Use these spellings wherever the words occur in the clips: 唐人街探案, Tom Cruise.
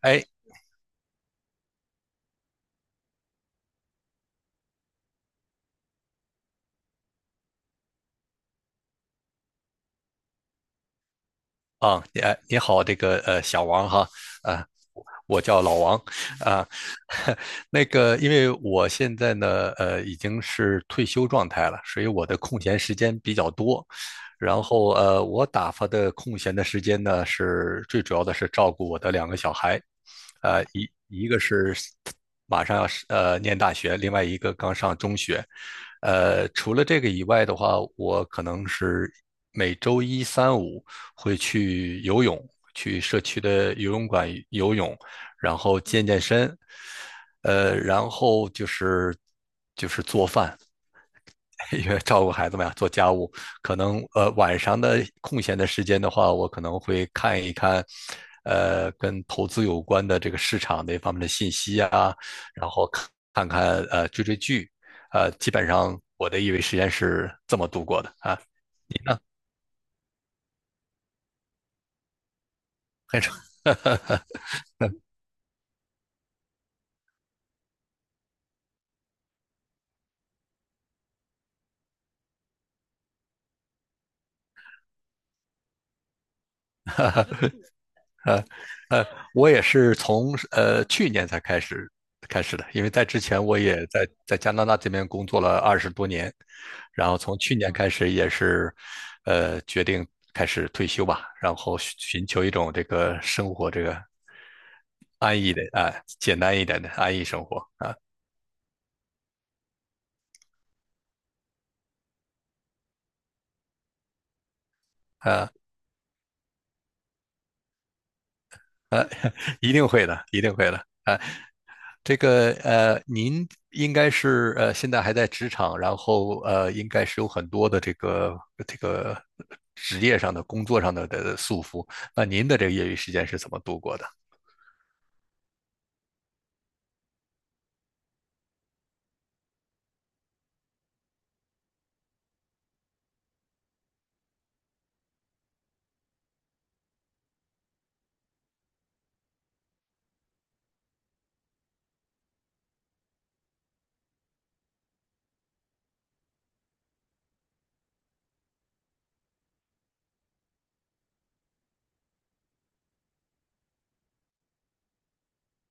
哎，啊，你好，这个小王哈。啊，我叫老王啊。那个，因为我现在呢，已经是退休状态了，所以我的空闲时间比较多。然后我打发的空闲的时间呢，是最主要的是照顾我的两个小孩。一个是马上要是念大学，另外一个刚上中学。除了这个以外的话，我可能是每周一、三、五会去游泳，去社区的游泳馆游泳，然后健身，然后就是做饭。因为照顾孩子们呀，做家务，可能晚上的空闲的时间的话，我可能会看一看，跟投资有关的这个市场那方面的信息啊。然后看看追追剧。基本上我的业余时间是这么度过的啊，很少。呃，我也是从去年才开始的，因为在之前我也在加拿大这边工作了20多年。然后从去年开始也是，决定开始退休吧，然后寻求一种这个生活这个安逸的啊，简单一点的安逸生活啊。一定会的，一定会的。这个您应该是现在还在职场，然后应该是有很多的这个职业上的、工作上的的束缚。那您的这个业余时间是怎么度过的？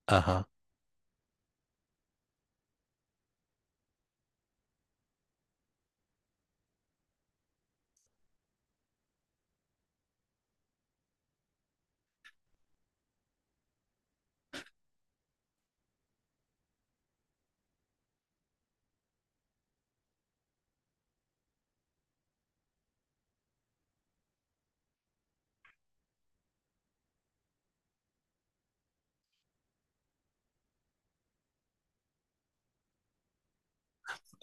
啊哈。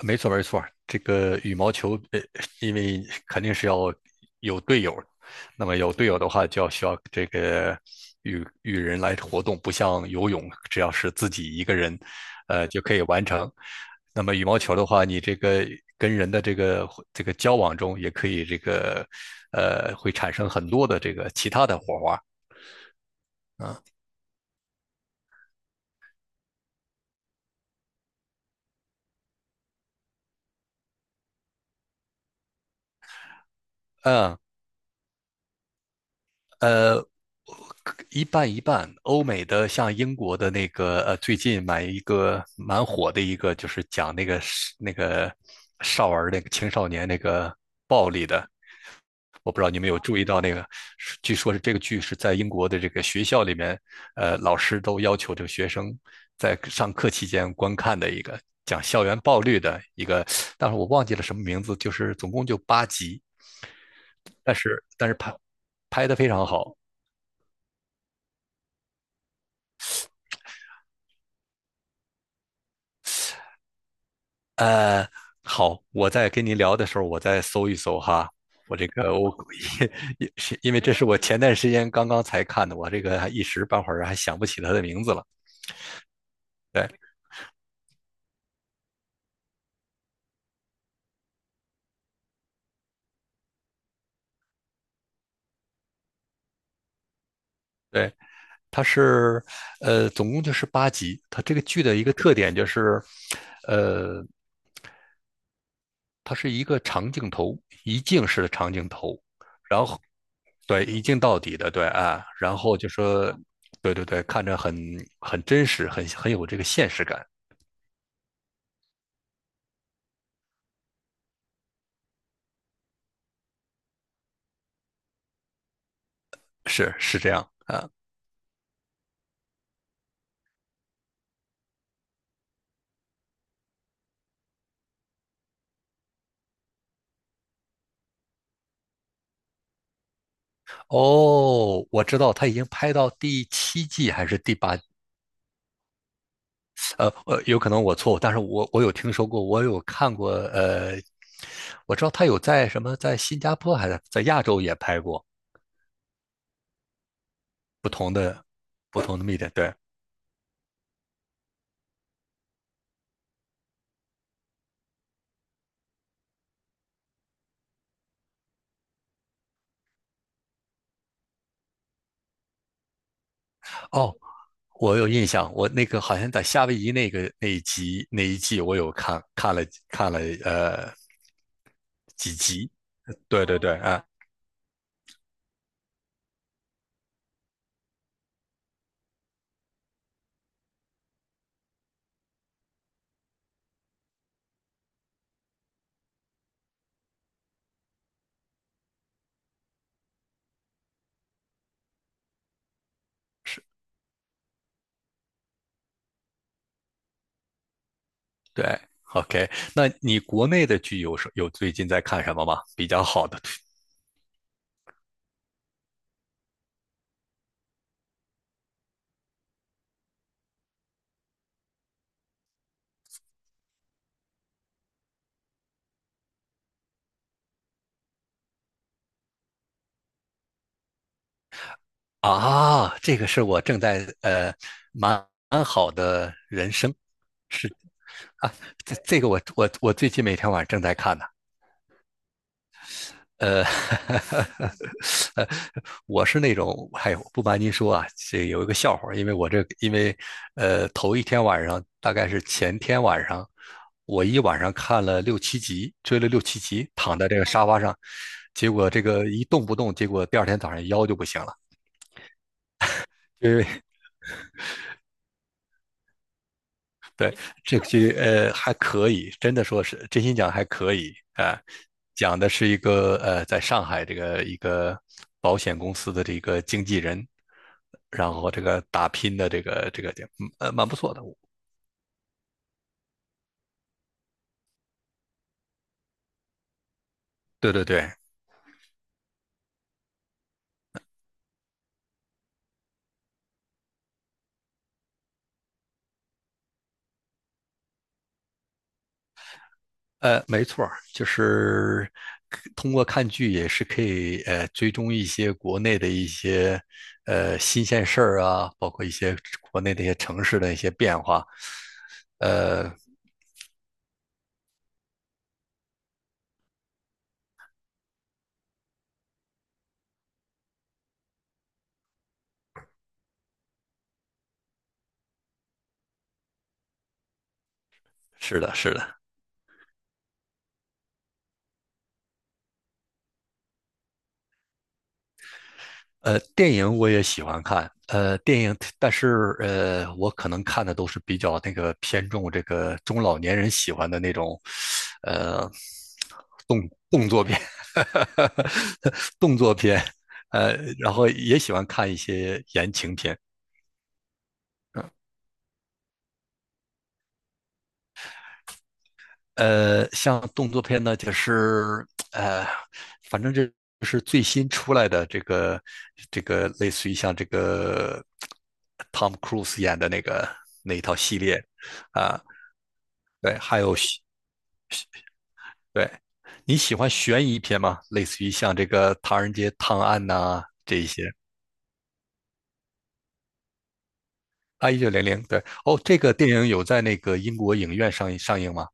没错，没错，这个羽毛球，因为肯定是要有队友，那么有队友的话，就要需要这个与人来活动，不像游泳，只要是自己一个人，就可以完成。那么羽毛球的话，你这个跟人的这个交往中，也可以这个，会产生很多的这个其他的火花啊。嗯，呃，一半一半。欧美的像英国的那个，最近买一个蛮火的一个，就是讲那个是那个少儿那个青少年那个。我不知道你们有注意到那个，是据说是这个剧是在英国的这个学校里面，老师都要求这个学生在上课期间观看的一个讲校园暴力的一个。但是我忘记了什么名字，就是总共就八集，但是拍的非常好。呃，好，我在跟您聊的时候，我再搜一搜哈。我这个我也也是因为这是我前段时间刚刚才看的，我这个还一时半会儿还想不起他的名字了。对对，他是总共就是八集。他这个剧的一个特点就是，呃，它是一个长镜头，一镜式的长镜头。然后对一镜到底的，对啊，然后就说，对对对，看着很真实，很有这个现实感。是是这样啊。哦，我知道他已经拍到第7季还是第8季。有可能我错误，但是我有听说过，我有看过。我知道他有在什么在新加坡还是在亚洲也拍过不同的 media，对，哦。我有印象，我那个好像在夏威夷那个那一集那一季，我有看了呃几集。对对对，啊、对，OK。那你国内的剧有最近在看什么吗？比较好的剧啊。这个是我正在蛮好的人生。是啊，这个我最近每天晚上正在看呢。呃，呃，我是那种，哎呦，不瞒您说啊，这有一个笑话儿。因为我这，因为，头一天晚上，大概是前天晚上，我一晚上看了六七集，追了六七集，躺在这个沙发上，结果这个一动不动，结果第二天早上腰就不行了。因为对，这个剧还可以，真的说是真心讲还可以啊、讲的是一个在上海这个一个保险公司的这个经纪人，然后这个打拼的这个点，蛮不错的。对对对，没错儿，就是通过看剧也是可以追踪一些国内的一些新鲜事儿啊，包括一些国内的一些城市的一些变化。呃，是的，是的。电影我也喜欢看，电影，但是我可能看的都是比较那个偏重这个中老年人喜欢的那种。呃，动作片，动作片，呃，然后也喜欢看一些言情片。像动作片呢，就是呃，反正这是最新出来的这个类似于像这个 Tom Cruise 演的那个那一套系列。啊，对，还有喜对，你喜欢悬疑片吗？类似于像这个《唐人街探案》呐这一些。啊，1900，对，哦，这个电影有在那个英国影院上映吗？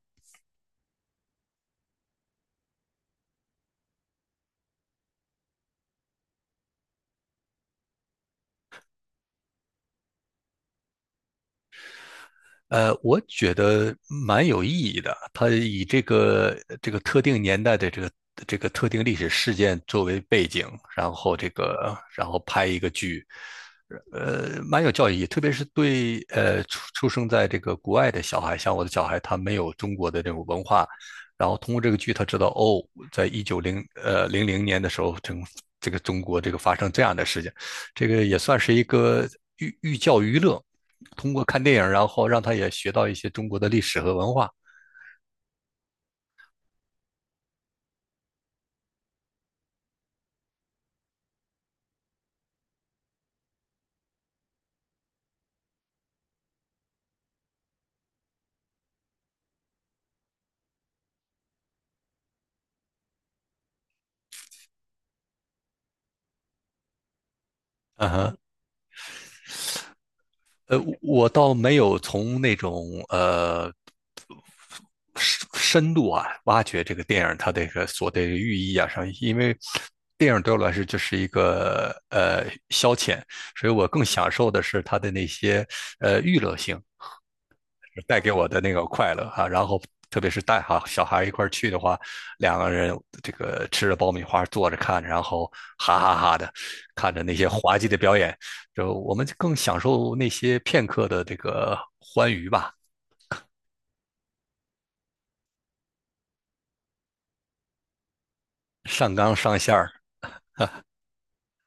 我觉得蛮有意义的。他以这个特定年代的这个特定历史事件作为背景，然后这个然后拍一个剧。蛮有教育意义。特别是对出生在这个国外的小孩，像我的小孩，他没有中国的这种文化，然后通过这个剧，他知道哦，在一九零零零年的时候，整这个中国这个发生这样的事情。这个也算是一个寓教于乐。通过看电影，然后让他也学到一些中国的历史和文化。嗯哼，我倒没有从那种深度啊挖掘这个电影它这个所的寓意啊上。因为电影对我来说就是一个消遣，所以我更享受的是它的那些娱乐性。带给我的那个快乐啊，然后特别是带哈小孩一块去的话，两个人这个吃着爆米花坐着看，然后哈哈哈的看着那些滑稽的表演，就我们更享受那些片刻的这个欢愉吧。上纲上线儿。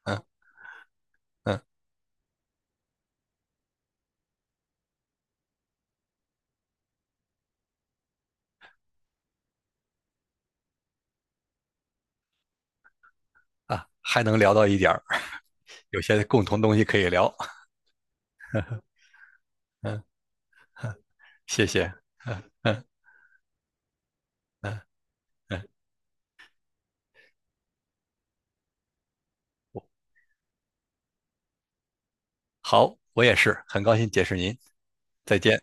嗯嗯啊，还能聊到一点儿，有些共同东西可以聊。嗯，嗯谢谢。嗯嗯嗯嗯。好，我也是很高兴结识您，再见。